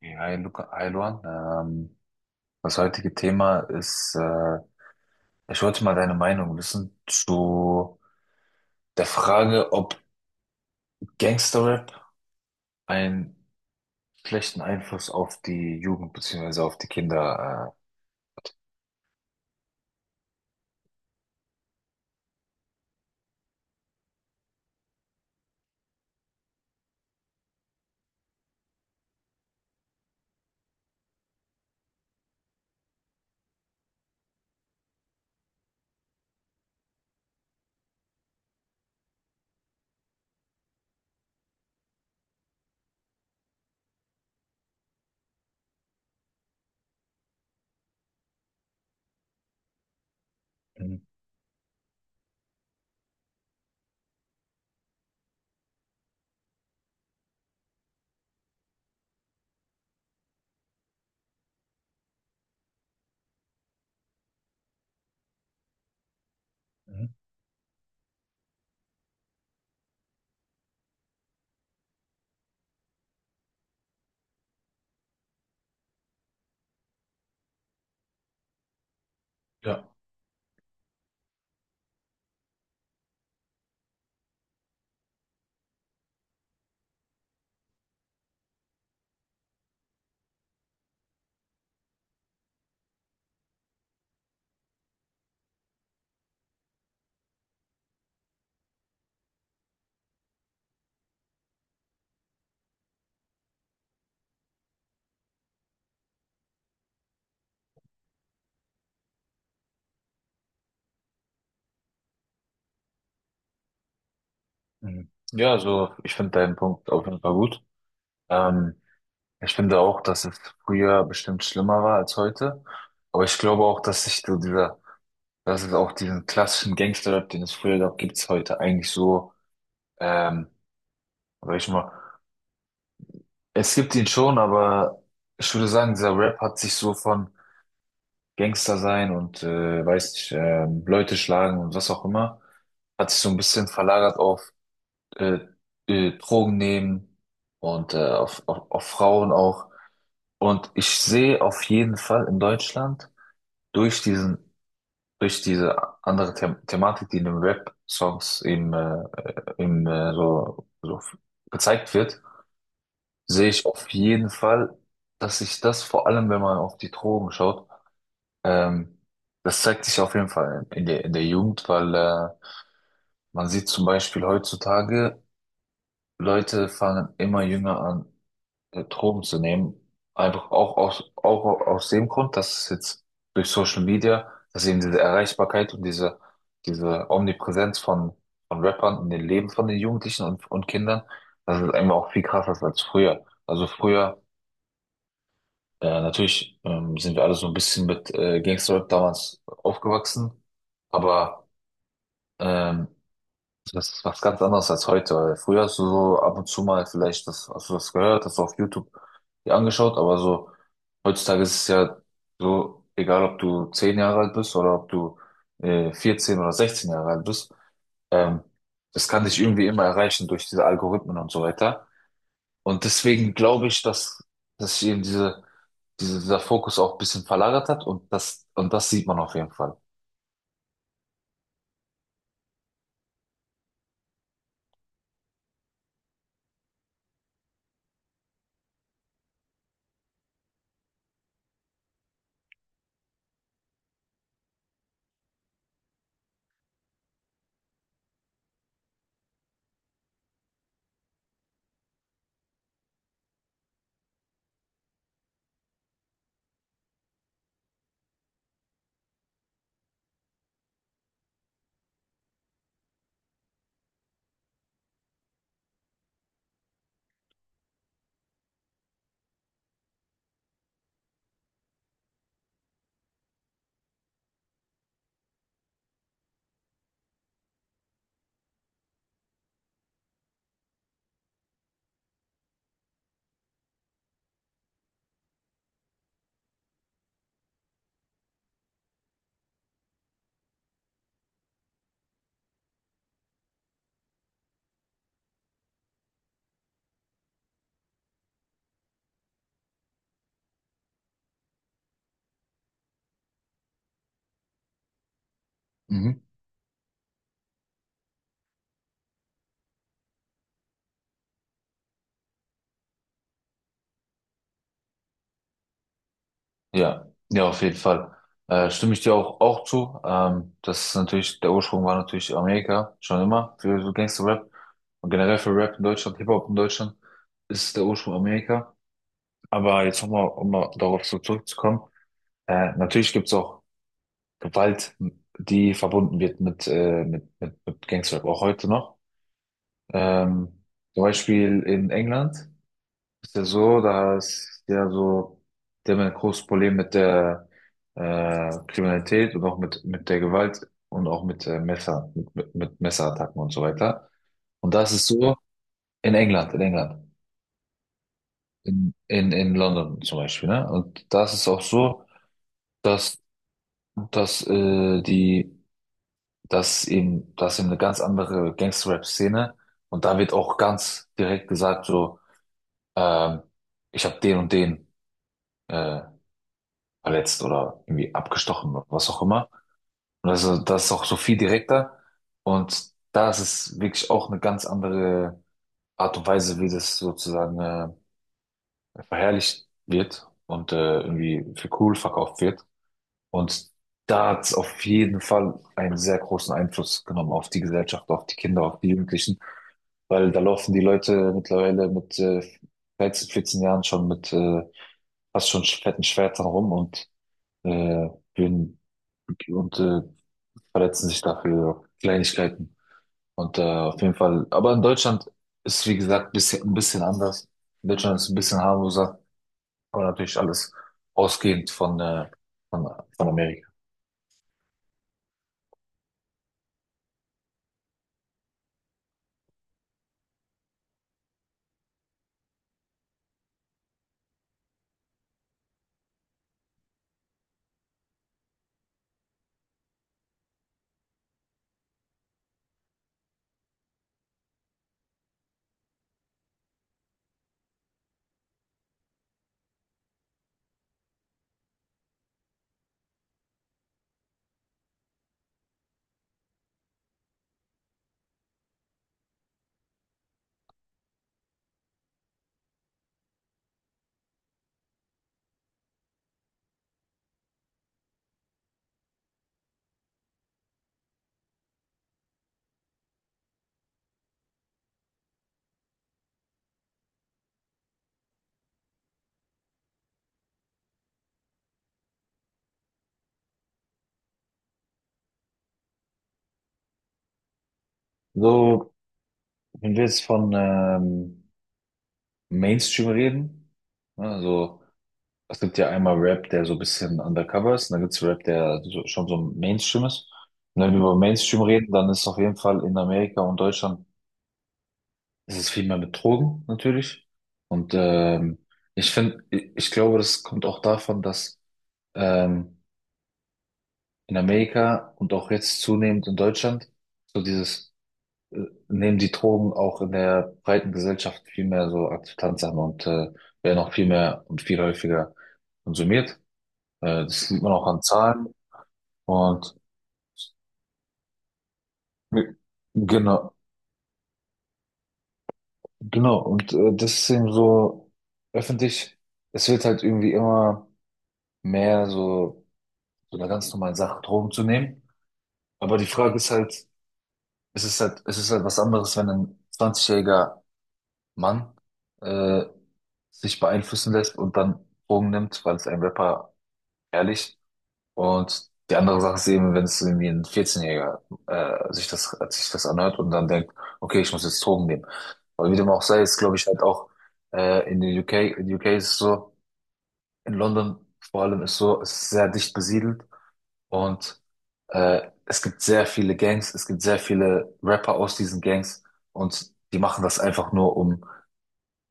Hey, hi, Luca, hi Luan. Das heutige Thema ist, ich wollte mal deine Meinung wissen zu der Frage, ob Gangsterrap einen schlechten Einfluss auf die Jugend beziehungsweise auf die Kinder hat. Mhm. Mhm. Ja. Mhm. Ja, also ich finde deinen Punkt auf jeden Fall gut. Ähm, Ich finde auch, dass es früher bestimmt schlimmer war als heute. Aber ich glaube auch, dass sich so dieser, dass es auch diesen klassischen Gangsterrap, den es früher gab, gibt es heute eigentlich so. Ähm, Sag ich mal. Es gibt ihn schon, aber ich würde sagen, dieser Rap hat sich so von Gangster sein und, weiß nicht, Leute schlagen und was auch immer, hat sich so ein bisschen verlagert auf äh, Drogen nehmen und, auf Frauen auch. Und ich sehe auf jeden Fall in Deutschland durch diesen, durch diese andere Thematik, die in den Rap-Songs eben so, so gezeigt wird, sehe ich auf jeden Fall, dass sich das vor allem, wenn man auf die Drogen schaut, ähm, das zeigt sich auf jeden Fall in der Jugend, weil, man sieht zum Beispiel heutzutage, Leute fangen immer jünger an, Drogen zu nehmen. Einfach auch aus dem Grund, dass es jetzt durch Social Media, dass eben diese Erreichbarkeit und diese Omnipräsenz von Rappern in den Leben von den Jugendlichen und Kindern, das ist einfach auch viel krasser als früher. Also früher, ja, natürlich sind wir alle so ein bisschen mit Gangster-Rap damals aufgewachsen, aber ähm, das ist was ganz anderes als heute. Weil früher hast du so ab und zu mal vielleicht das, hast du das gehört, hast du auf YouTube dir angeschaut, aber so heutzutage ist es ja so, egal ob du 10 Jahre alt bist oder ob du 14 oder 16 Jahre alt bist, ähm, das kann dich irgendwie immer erreichen durch diese Algorithmen und so weiter. Und deswegen glaube ich, dass, dass ich eben dieser Fokus auch ein bisschen verlagert hat, und das sieht man auf jeden Fall. Mhm. Ja, ja, auf jeden Fall. Stimme ich dir auch zu. Das ist natürlich, der Ursprung war natürlich Amerika, schon immer, für so Gangster-Rap. Und generell für Rap in Deutschland, Hip-Hop in Deutschland, ist der Ursprung Amerika. Aber jetzt nochmal, um mal darauf so zurückzukommen. Natürlich gibt's auch Gewalt, die verbunden wird mit Gangsterrap, auch heute noch. Ähm, Zum Beispiel in England ist ja so, da ist ja so, die haben ja ein großes Problem mit der, Kriminalität und auch mit der Gewalt und auch mit, Messer, mit Messerattacken und so weiter. Und das ist so in England, in London zum Beispiel, ne? Und das ist auch so, dass, dass, die dass eben, das eben eine ganz andere Gangster-Rap-Szene, und da wird auch ganz direkt gesagt so, ähm, ich habe den und den, äh, verletzt oder irgendwie abgestochen oder was auch immer. Und also das ist auch so viel direkter und da ist es wirklich auch eine ganz andere Art und Weise, wie das sozusagen, verherrlicht wird und, irgendwie für cool verkauft wird. Und da hat es auf jeden Fall einen sehr großen Einfluss genommen auf die Gesellschaft, auf die Kinder, auf die Jugendlichen. Weil da laufen die Leute mittlerweile mit, 13, 14 Jahren schon mit, fast schon fetten Schwertern rum und, äh, würden, und äh, verletzen sich dafür Kleinigkeiten. Und, auf jeden Fall, aber in Deutschland ist, wie gesagt, ein bisschen anders. In Deutschland ist ein bisschen harmloser, aber natürlich alles ausgehend von, von Amerika. So, wenn wir jetzt von Mainstream reden, also es gibt ja einmal Rap, der so ein bisschen undercover ist, und dann gibt's Rap, der so, schon so Mainstream ist. Und wenn wir über Mainstream reden, dann ist auf jeden Fall in Amerika und Deutschland ist es viel mehr mit Drogen natürlich. Und ich finde, ich glaube, das kommt auch davon, dass ähm, in Amerika und auch jetzt zunehmend in Deutschland so dieses, äh, nehmen die Drogen auch in der breiten Gesellschaft viel mehr so Akzeptanz an und, werden auch viel mehr und viel häufiger konsumiert. Das sieht man auch an Zahlen. Und, äh, genau, genau. Und, das ist eben so öffentlich, es wird halt irgendwie immer mehr so, so eine ganz normale Sache, Drogen zu nehmen. Aber die Frage ist halt, es ist halt, es ist halt was anderes, wenn ein zwanzigjähriger jähriger Mann, äh, sich beeinflussen lässt und dann Drogen nimmt, weil es ein Rapper ehrlich. Und die andere Sache ist eben, wenn es irgendwie ein 14-Jähriger, sich das anhört und dann denkt, okay, ich muss jetzt Drogen nehmen. Aber wie dem auch sei, ist, glaube ich, halt auch, äh, in den UK, in den UK ist es so, in London vor allem ist so, es ist sehr dicht besiedelt und, es gibt sehr viele Gangs, es gibt sehr viele Rapper aus diesen Gangs und die machen das einfach nur, um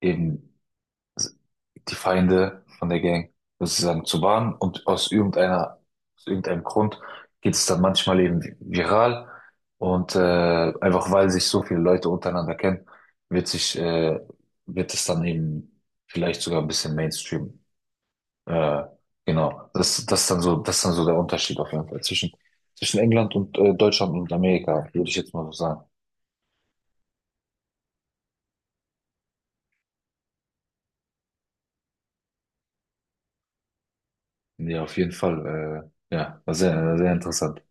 eben also die Feinde von der Gang sozusagen zu warnen und aus aus irgendeinem Grund geht es dann manchmal eben viral und, einfach weil sich so viele Leute untereinander kennen, wird sich, äh, wird es dann eben vielleicht sogar ein bisschen Mainstream. Äh, genau. Das ist dann so, das ist dann so der Unterschied auf jeden Fall zwischen England und, Deutschland und Amerika, würde ich jetzt mal so sagen. Ja, auf jeden Fall. Ja, war sehr, sehr interessant.